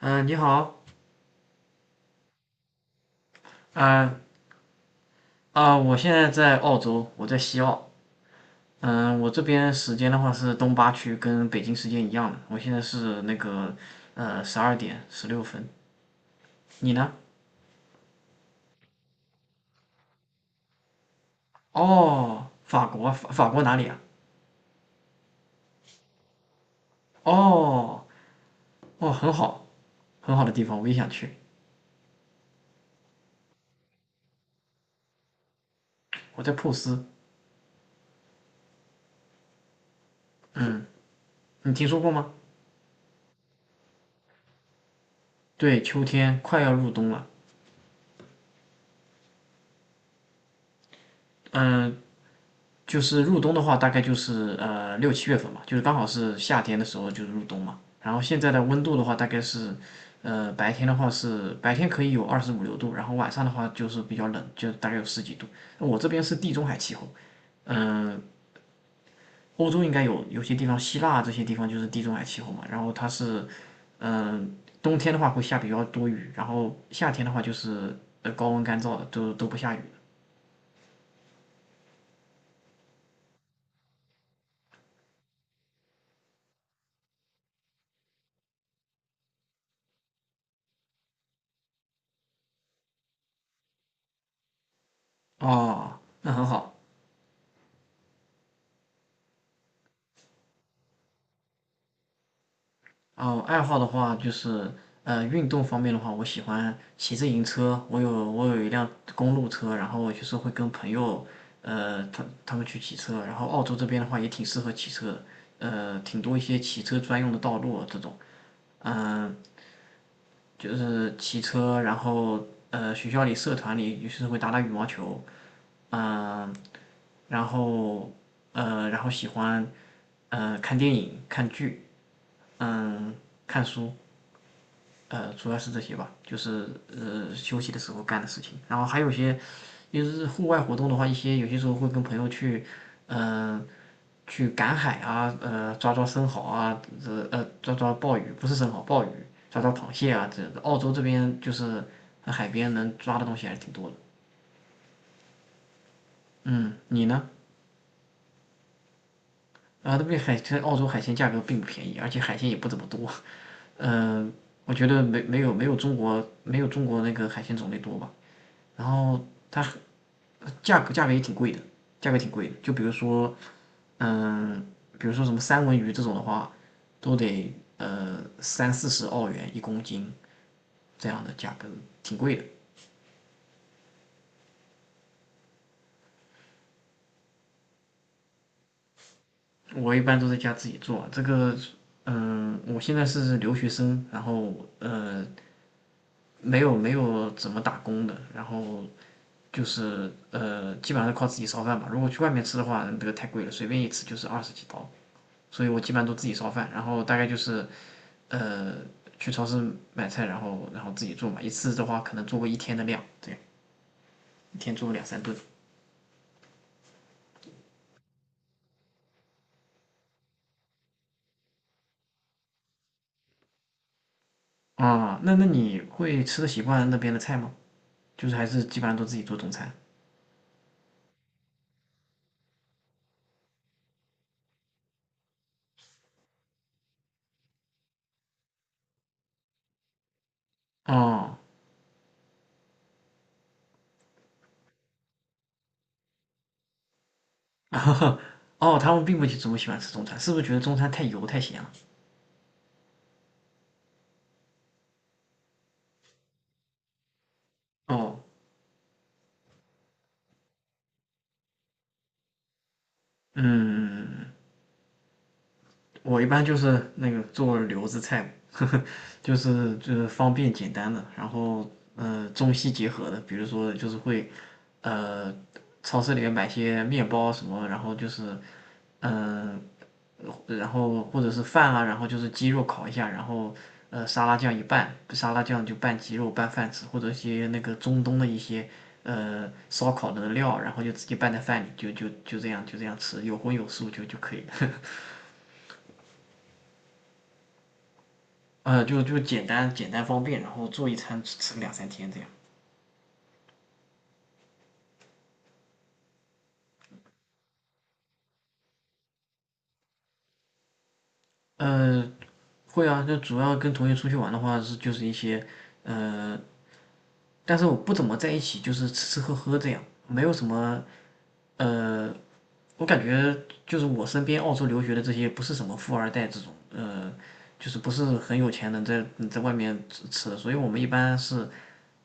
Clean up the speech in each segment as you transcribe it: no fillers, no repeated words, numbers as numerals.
你好，嗯我现在在澳洲，我在西澳。我这边时间的话是东八区，跟北京时间一样的。我现在是那个12:16。你呢？哦，法国，法国哪里啊？哦哦，很好，很好的地方，我也想去。我在珀斯。嗯，你听说过吗？对，秋天快要入冬了。嗯、就是入冬的话，大概就是6、7月份嘛，就是刚好是夏天的时候就是入冬嘛。然后现在的温度的话，大概是，呃，白天的话是白天可以有25、26度，然后晚上的话就是比较冷，就大概有10几度。我这边是地中海气候，嗯、呃欧洲应该有些地方，希腊这些地方就是地中海气候嘛。然后它是，嗯、呃冬天的话会下比较多雨，然后夏天的话就是高温干燥的，都不下雨的。哦，那很好。哦，爱好的话就是，呃，运动方面的话，我喜欢骑自行车。我有一辆公路车，然后就是会跟朋友，呃，他们去骑车。然后澳洲这边的话也挺适合骑车的，呃，挺多一些骑车专用的道路啊这种。嗯、就是骑车，然后呃，学校里社团里就是会打打羽毛球，嗯、然后呃，然后喜欢看电影、看剧，嗯、看，主要是这些吧，就是休息的时候干的事情。然后还有些，些，就是户外活动的话，一些有些时候会跟朋友去，呃，去赶海啊，呃，抓抓生蚝啊，这抓抓鲍鱼，不是生蚝，鲍鱼，抓抓螃蟹啊，这澳洲这边就是海边能抓的东西还是挺多。嗯，你呢？啊，那边海这澳洲海鲜价格并不便宜，而且海鲜也不怎么多。嗯、我觉得没有中国那个海鲜种类多吧。然后它价格也挺贵的，价格挺贵的。就比如说，嗯，比如说什么三文鱼这种的话，都得30、40澳元1公斤这样的价格，挺贵的。我一般都在家自己做，这个，嗯，我现在是留学生，然后没有怎么打工的，然后就是基本上是靠自己烧饭吧。如果去外面吃的话，这个太贵了，随便一吃就是20几刀。所以我基本上都自己烧饭，然后大概就是呃去超市买菜，然后自己做嘛，一次的话可能做过1天的量，对，1天做个2、3顿。那那你会吃的习惯那边的菜吗？就是还是基本上都自己做中餐。哦，哦，他们并不怎么喜欢吃中餐，是不是觉得中餐太油太咸了？哦，嗯，我一般就是那个做留子菜，呵呵，就是方便简单的，然后中西结合的，比如说就是会呃超市里面买些面包什么，然后就是嗯、呃然后或者是饭啊，然后就是鸡肉烤一下，然后沙拉酱一拌，沙拉酱就拌鸡肉拌饭吃，或者一些那个中东的一些烧烤的料，然后就直接拌在饭里，就这样就这样吃，有荤有素就可以了。呃，就简单方便，然后做一餐吃吃个2、3天这样。呃，会啊，就主要跟同学出去玩的话是就是一些，呃，但是我不怎么在一起，就是吃吃喝喝这样，没有什么，呃，我感觉就是我身边澳洲留学的这些不是什么富二代这种，呃，就是不是很有钱能在外面吃吃的，所以我们一般是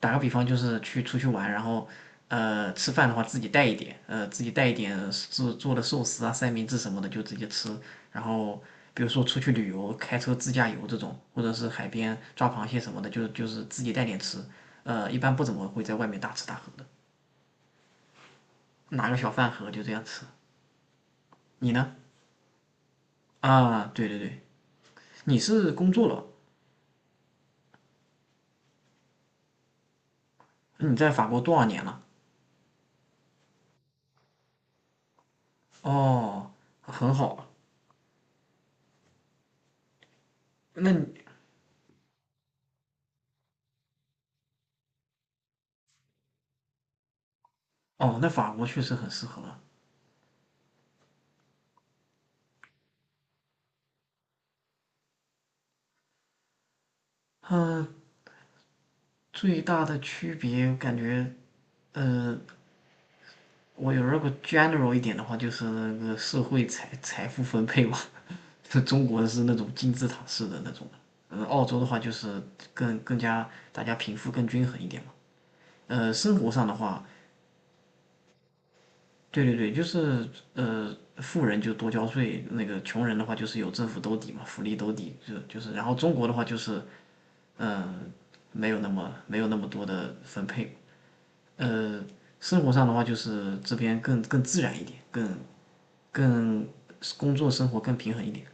打个比方，就是去出去玩，然后吃饭的话自己带一点，呃自己带一点做做的寿司啊、三明治什么的就直接吃。然后比如说出去旅游，开车自驾游这种，或者是海边抓螃蟹什么的，就是自己带点吃。呃，一般不怎么会在外面大吃大喝的，拿个小饭盒就这样吃。你呢？啊，对对对，你是工作了？你在法国多少年了？哦，很好啊那你哦，那法国确实很适合了。最大的区别感觉，呃，我有如果 general 一点的话，就是那个社会财富分配嘛。中国是那种金字塔式的那种的，呃，澳洲的话就是更加大家贫富更均衡一点嘛。呃，生活上的话，对对对，就是呃，富人就多交税，那个穷人的话就是有政府兜底嘛，福利兜底，就是，然后中国的话就是，嗯、没有那么多的分配。呃，生活上的话就是这边更自然一点，更更工作生活更平衡一点。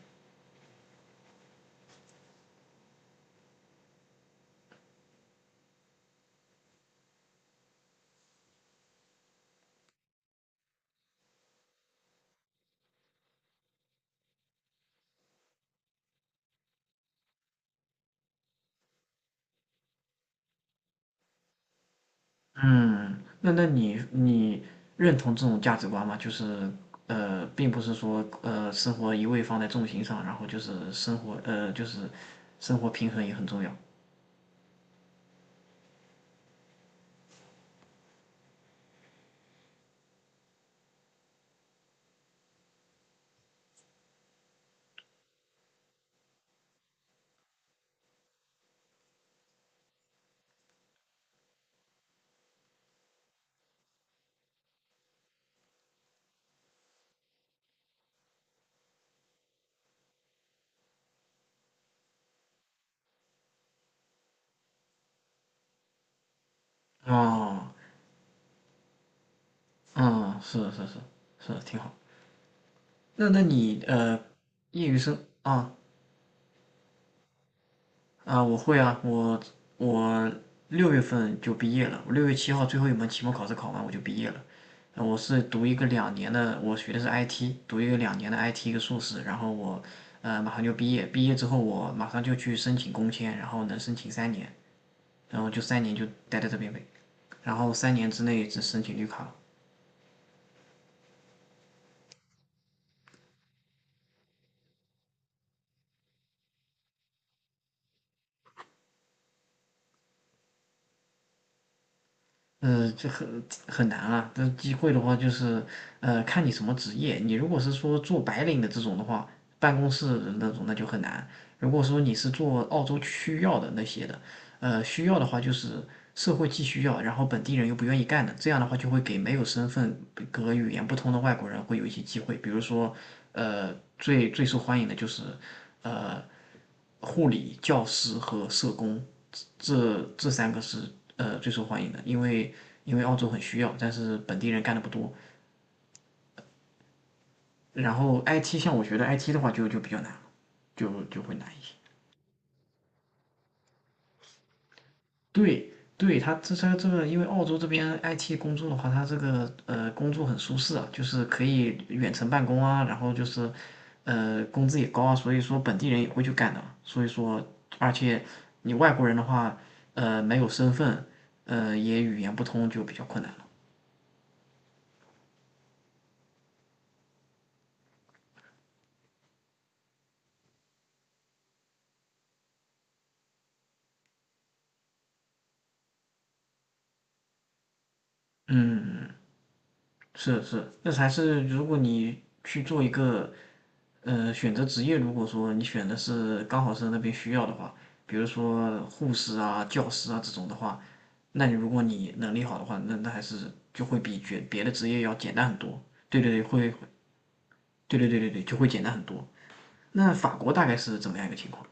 嗯，那那你认同这种价值观吗？就是呃，并不是说生活一味放在重心上，然后就是生活就是生活平衡也很重要。哦，嗯，是是是是，挺好。那那你业余生啊。啊，我会啊，我我6月份就毕业了，我6月7号最后一门期末考试考完我就毕业了。我是读一个两年的，我学的是 IT，读一个两年的 IT 一个硕士，然后我马上就毕业，毕业之后我马上就去申请工签，然后能申请三年，然后就三年就待在这边呗，然后3年之内只申请绿卡。呃，这很很难啊。这机会的话，就是呃，看你什么职业。你如果是说做白领的这种的话，办公室的那种，那就很难。如果说你是做澳洲需要的那些的，呃，需要的话就是社会既需要，然后本地人又不愿意干的，这样的话就会给没有身份和语言不通的外国人会有一些机会。比如说，呃，最最受欢迎的就是呃，护理、教师和社工。这三个是最受欢迎的，因为因为澳洲很需要，但是本地人干的不多。然后 IT 像我觉得 IT 的话就比较难了，就会难一些。对对，他这个，因为澳洲这边 IT 工作的话，他这个工作很舒适啊，就是可以远程办公啊，然后就是工资也高啊，所以说本地人也会去干的。所以说，而且你外国人的话，没有身份，也语言不通就比较困难了。嗯。嗯嗯是是，那还是如果你去做一个选择职业，如果说你选的是刚好是那边需要的话，比如说护士啊、教师啊这种的话，那你如果你能力好的话，那那还是就会比别的职业要简单很多。对对对，会，对对对对对，就会简单很多。那法国大概是怎么样一个情况？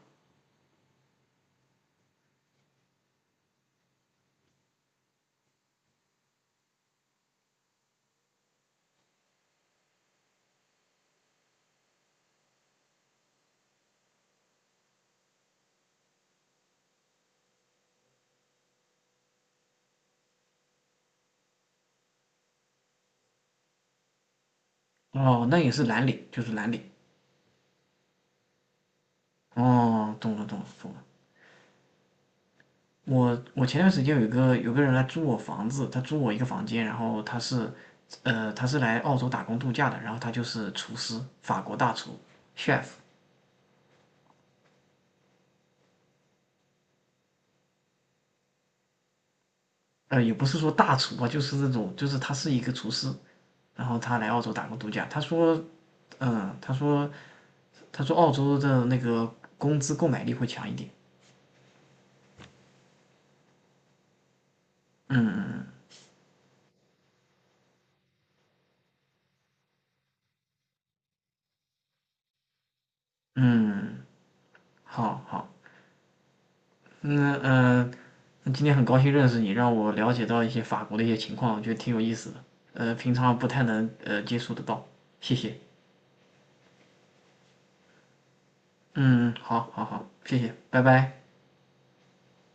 哦，那也是蓝领，就是蓝领。哦，懂了懂了懂了。我我前段时间有一个有个人来租我房子，他租我一个房间，然后他是，呃，他是来澳洲打工度假的，然后他就是厨师，法国大厨，chef，呃，也不是说大厨吧，就是那种，就是他是一个厨师，然后他来澳洲打工度假，他说，嗯，他说他说澳洲的那个工资购买力会强一点，嗯嗯嗯，嗯好好。嗯嗯、那今天很高兴认识你，让我了解到一些法国的一些情况，我觉得挺有意思的。呃，平常不太能接触得到，谢谢。嗯，嗯好，好，好，谢谢，拜拜。